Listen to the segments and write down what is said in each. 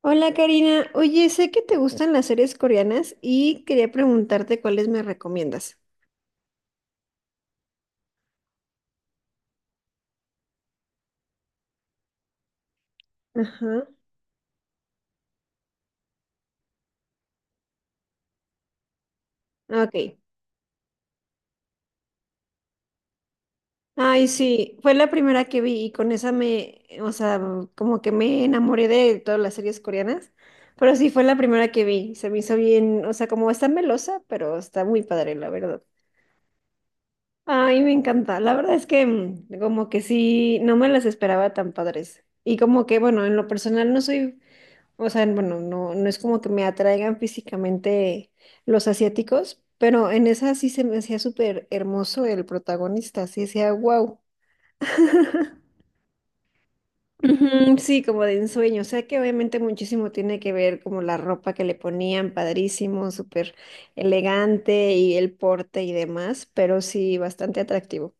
Hola Karina, oye, sé que te gustan las series coreanas y quería preguntarte cuáles me recomiendas. Ajá. Ok. Ay, sí, fue la primera que vi y con esa me, o sea, como que me enamoré de todas las series coreanas, pero sí fue la primera que vi, se me hizo bien, o sea, como está melosa, pero está muy padre, la verdad. Ay, me encanta, la verdad es que como que sí, no me las esperaba tan padres. Y como que, bueno, en lo personal no soy. O sea, bueno, no, no es como que me atraigan físicamente los asiáticos, pero en esa sí se me hacía súper hermoso el protagonista, sí decía, wow. Ujú. Sí, como de ensueño. O sea que obviamente muchísimo tiene que ver como la ropa que le ponían, padrísimo, súper elegante y el porte y demás, pero sí, bastante atractivo.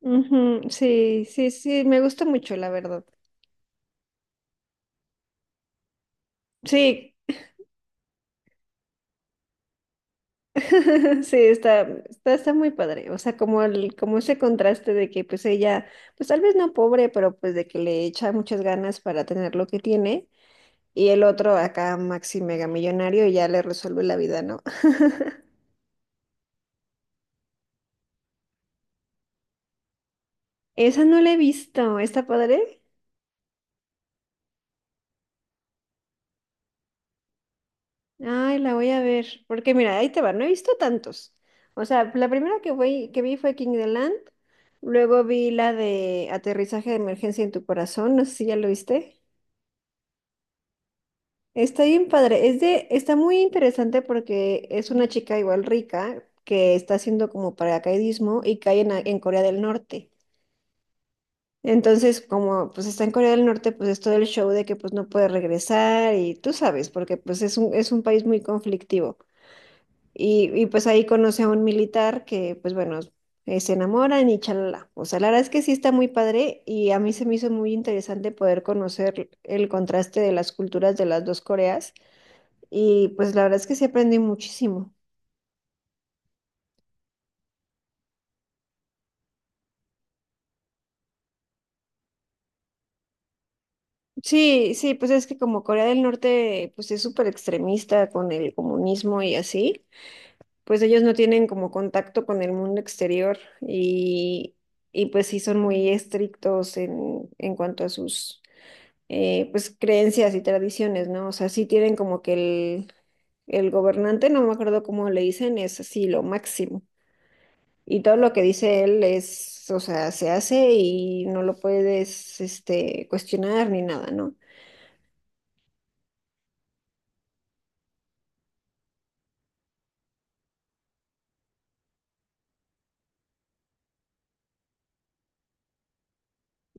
Ujú. Sí, sí, sí, me gusta mucho, la verdad. Sí. Sí, está muy padre. O sea, como ese contraste de que pues ella, pues tal vez no pobre, pero pues de que le echa muchas ganas para tener lo que tiene. Y el otro acá, maxi mega millonario, ya le resuelve la vida, ¿no? Esa no la he visto. ¿Está padre? Ay, la voy a ver. Porque mira, ahí te va. No he visto tantos. O sea, la primera que vi fue King the Land. Luego vi la de Aterrizaje de Emergencia en tu Corazón. No sé si ya lo viste. Está bien padre. Está muy interesante porque es una chica igual rica que está haciendo como paracaidismo y cae en Corea del Norte. Entonces, como pues está en Corea del Norte, pues es todo el show de que pues no puede regresar y tú sabes, porque pues es un país muy conflictivo. Y pues ahí conoce a un militar que pues bueno, se enamoran y chalala. O sea, la verdad es que sí está muy padre y a mí se me hizo muy interesante poder conocer el contraste de las culturas de las dos Coreas y pues la verdad es que sí aprendí muchísimo. Sí, sí, pues es que como Corea del Norte pues es súper extremista con el comunismo y así, pues ellos no tienen como contacto con el mundo exterior y, y pues sí son muy estrictos en cuanto a sus pues creencias y tradiciones, ¿no? O sea, sí tienen como que el gobernante, no me acuerdo cómo le dicen, es así lo máximo. Y todo lo que dice él es, o sea, se hace y no lo puedes, cuestionar ni nada, ¿no?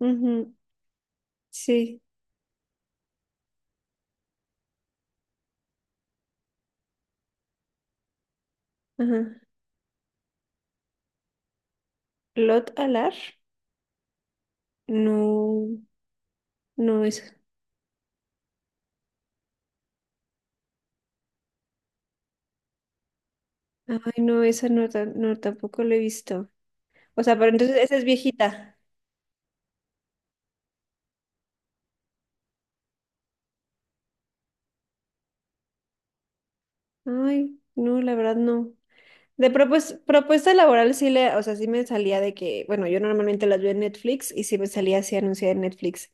Ujú. Sí, ajá. Lot Alar, no, no es, ay, no, esa no, no, tampoco lo he visto. O sea, pero entonces esa es viejita. Ay, no, la verdad no. De propuesta laboral sí o sea, sí me salía de que, bueno, yo normalmente las veo en Netflix y sí me salía así anunciada en Netflix.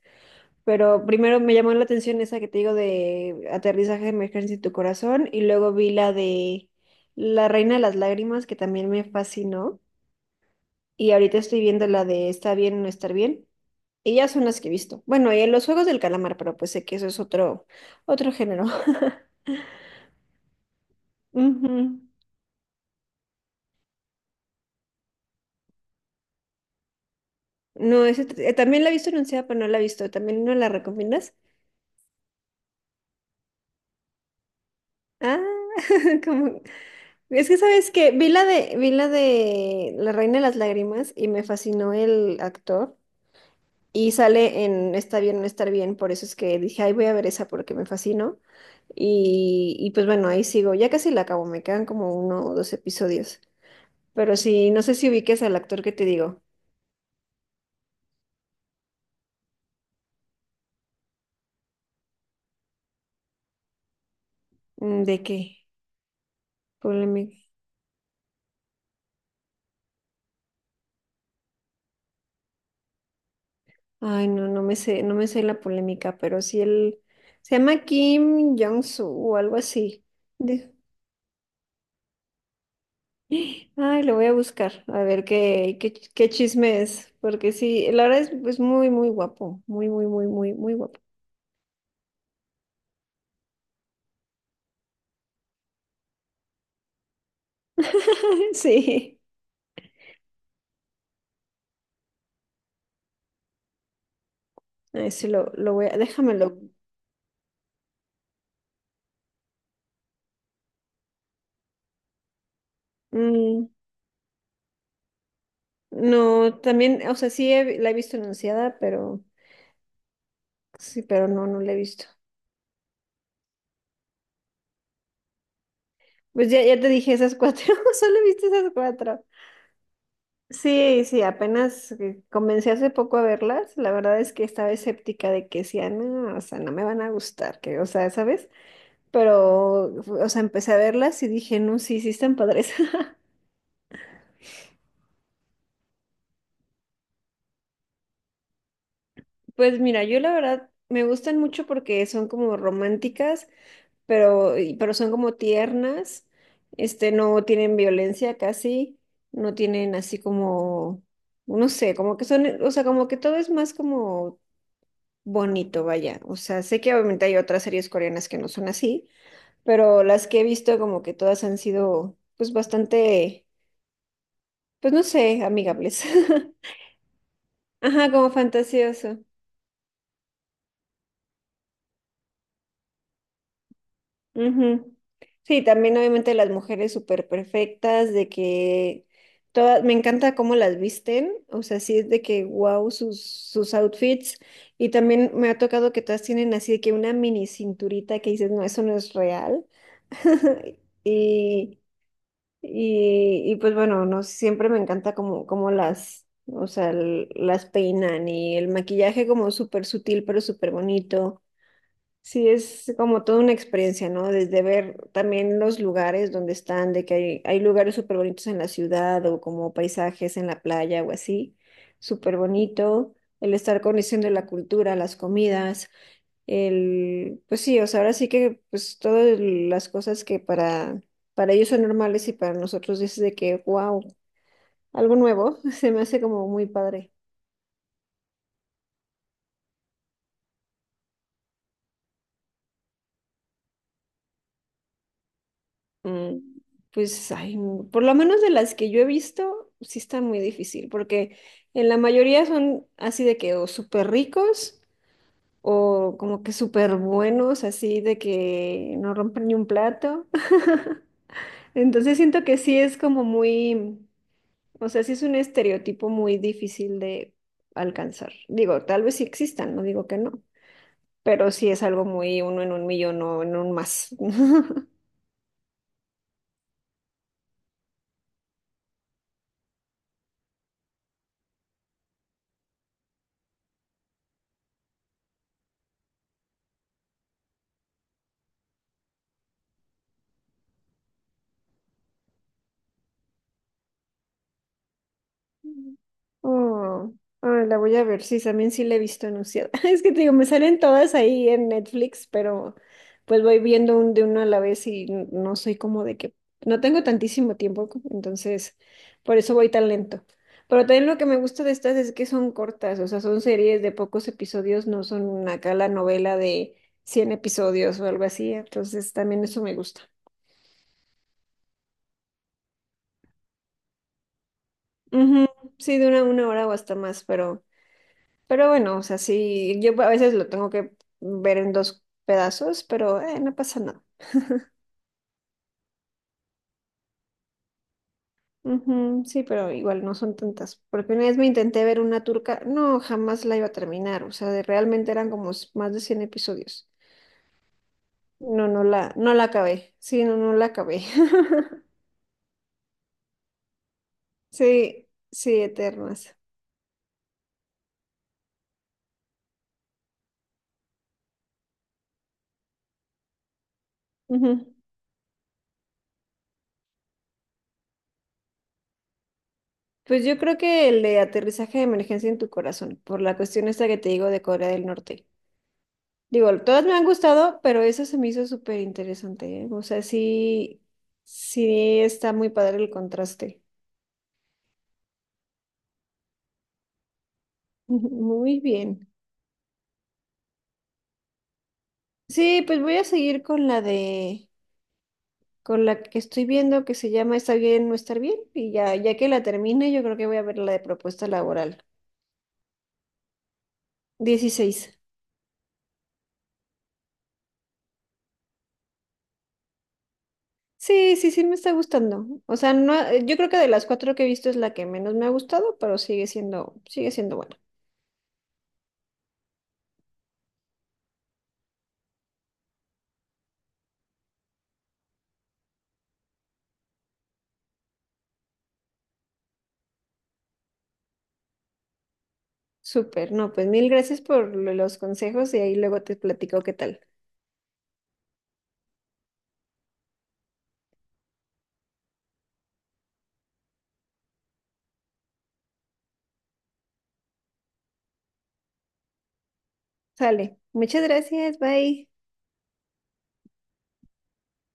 Pero primero me llamó la atención esa que te digo de aterrizaje de emergencia en tu corazón y luego vi la de La Reina de las Lágrimas que también me fascinó y ahorita estoy viendo la de Está bien o no estar bien y ya son las que he visto. Bueno, y los Juegos del Calamar, pero pues sé que eso es otro género. Ujú. No, ese también la he visto anunciada, pero no la he visto. ¿También no la recomiendas? Ah. como Es que sabes que vi la de La Reina de las Lágrimas y me fascinó el actor. Y sale en Está bien, no estar bien. Por eso es que dije, ay, voy a ver esa porque me fascinó. Y pues bueno, ahí sigo. Ya casi la acabo, me quedan como uno o dos episodios. Pero sí, no sé si ubiques al actor que te digo. Mm. ¿De qué? Polémica. Ay, no, no me sé la polémica, pero sí él se llama Kim Jong-soo o algo así. Ay, lo voy a buscar, a ver qué chisme es, porque sí, la verdad es muy, muy guapo, muy, muy, muy, muy, muy guapo. Sí. Ay, sí, lo déjamelo. Mm. No, también, o sea, sí la he visto anunciada, pero sí, pero no, no la he visto. Pues ya, ya te dije esas cuatro, solo he visto esas cuatro. Sí, sí, apenas comencé hace poco a verlas, la verdad es que estaba escéptica de que sí, ah, no, o sea, no me van a gustar, que, o sea, ¿sabes? Pero, o sea, empecé a verlas y dije, no, sí, sí están padres. Pues mira, yo la verdad me gustan mucho porque son como románticas, pero son como tiernas, no tienen violencia casi, no tienen así como, no sé, como que son, o sea, como que todo es más como bonito, vaya. O sea, sé que obviamente hay otras series coreanas que no son así, pero las que he visto como que todas han sido, pues bastante, pues no sé, amigables. Ajá, como fantasioso. Ujú. Sí, también obviamente las mujeres súper perfectas, de que todas, me encanta cómo las visten, o sea, sí es de que wow sus outfits, y también me ha tocado que todas tienen así de que una mini cinturita que dices, no, eso no es real. Y, y pues bueno, no, siempre me encanta como las, o sea, las peinan y el maquillaje como súper sutil, pero súper bonito. Sí, es como toda una experiencia, ¿no? Desde ver también los lugares donde están, de que hay lugares súper bonitos en la ciudad o como paisajes en la playa o así, súper bonito, el estar conociendo la cultura, las comidas, el, pues sí, o sea, ahora sí que pues todas las cosas que para ellos son normales y para nosotros es de que, wow, algo nuevo, se me hace como muy padre. Mm, Pues, ay, por lo menos de las que yo he visto, sí está muy difícil, porque en la mayoría son así de que o súper ricos o como que súper buenos, así de que no rompen ni un plato. Entonces siento que sí es como muy, o sea, sí es un estereotipo muy difícil de alcanzar. Digo, tal vez sí existan, no digo que no, pero sí es algo muy uno en un millón o en un más. Oh, ah, la voy a ver, sí, también sí la he visto anunciada. Es que te digo, me salen todas ahí en Netflix, pero pues voy viendo de uno a la vez y no soy como de que, no tengo tantísimo tiempo, entonces por eso voy tan lento. Pero también lo que me gusta de estas es que son cortas, o sea, son series de pocos episodios, no son acá la novela de 100 episodios o algo así, entonces también eso me gusta. Ujú. Sí, de una hora o hasta más, pero... Pero bueno, o sea, sí, yo a veces lo tengo que ver en dos pedazos, pero no pasa nada. Ujú, sí, pero igual no son tantas. Porque una vez me intenté ver una turca, no, jamás la iba a terminar. O sea, realmente eran como más de 100 episodios. No, no la acabé. Sí, no, no la acabé. Sí, sí, eternas. Ujú. Pues yo creo que el de aterrizaje de emergencia en tu corazón, por la cuestión esta que te digo de Corea del Norte. Digo, todas me han gustado, pero esa se me hizo súper interesante, ¿eh? O sea, sí, sí está muy padre el contraste. Muy bien. Sí, pues voy a seguir con la que estoy viendo que se llama Está bien no estar bien. Y ya, ya que la termine, yo creo que voy a ver la de propuesta laboral. 16. Sí, sí, sí me está gustando. O sea, no, yo creo que de las cuatro que he visto es la que menos me ha gustado, pero sigue siendo buena. Súper, no, pues mil gracias por los consejos y ahí luego te platico qué tal. Sale, muchas gracias, bye.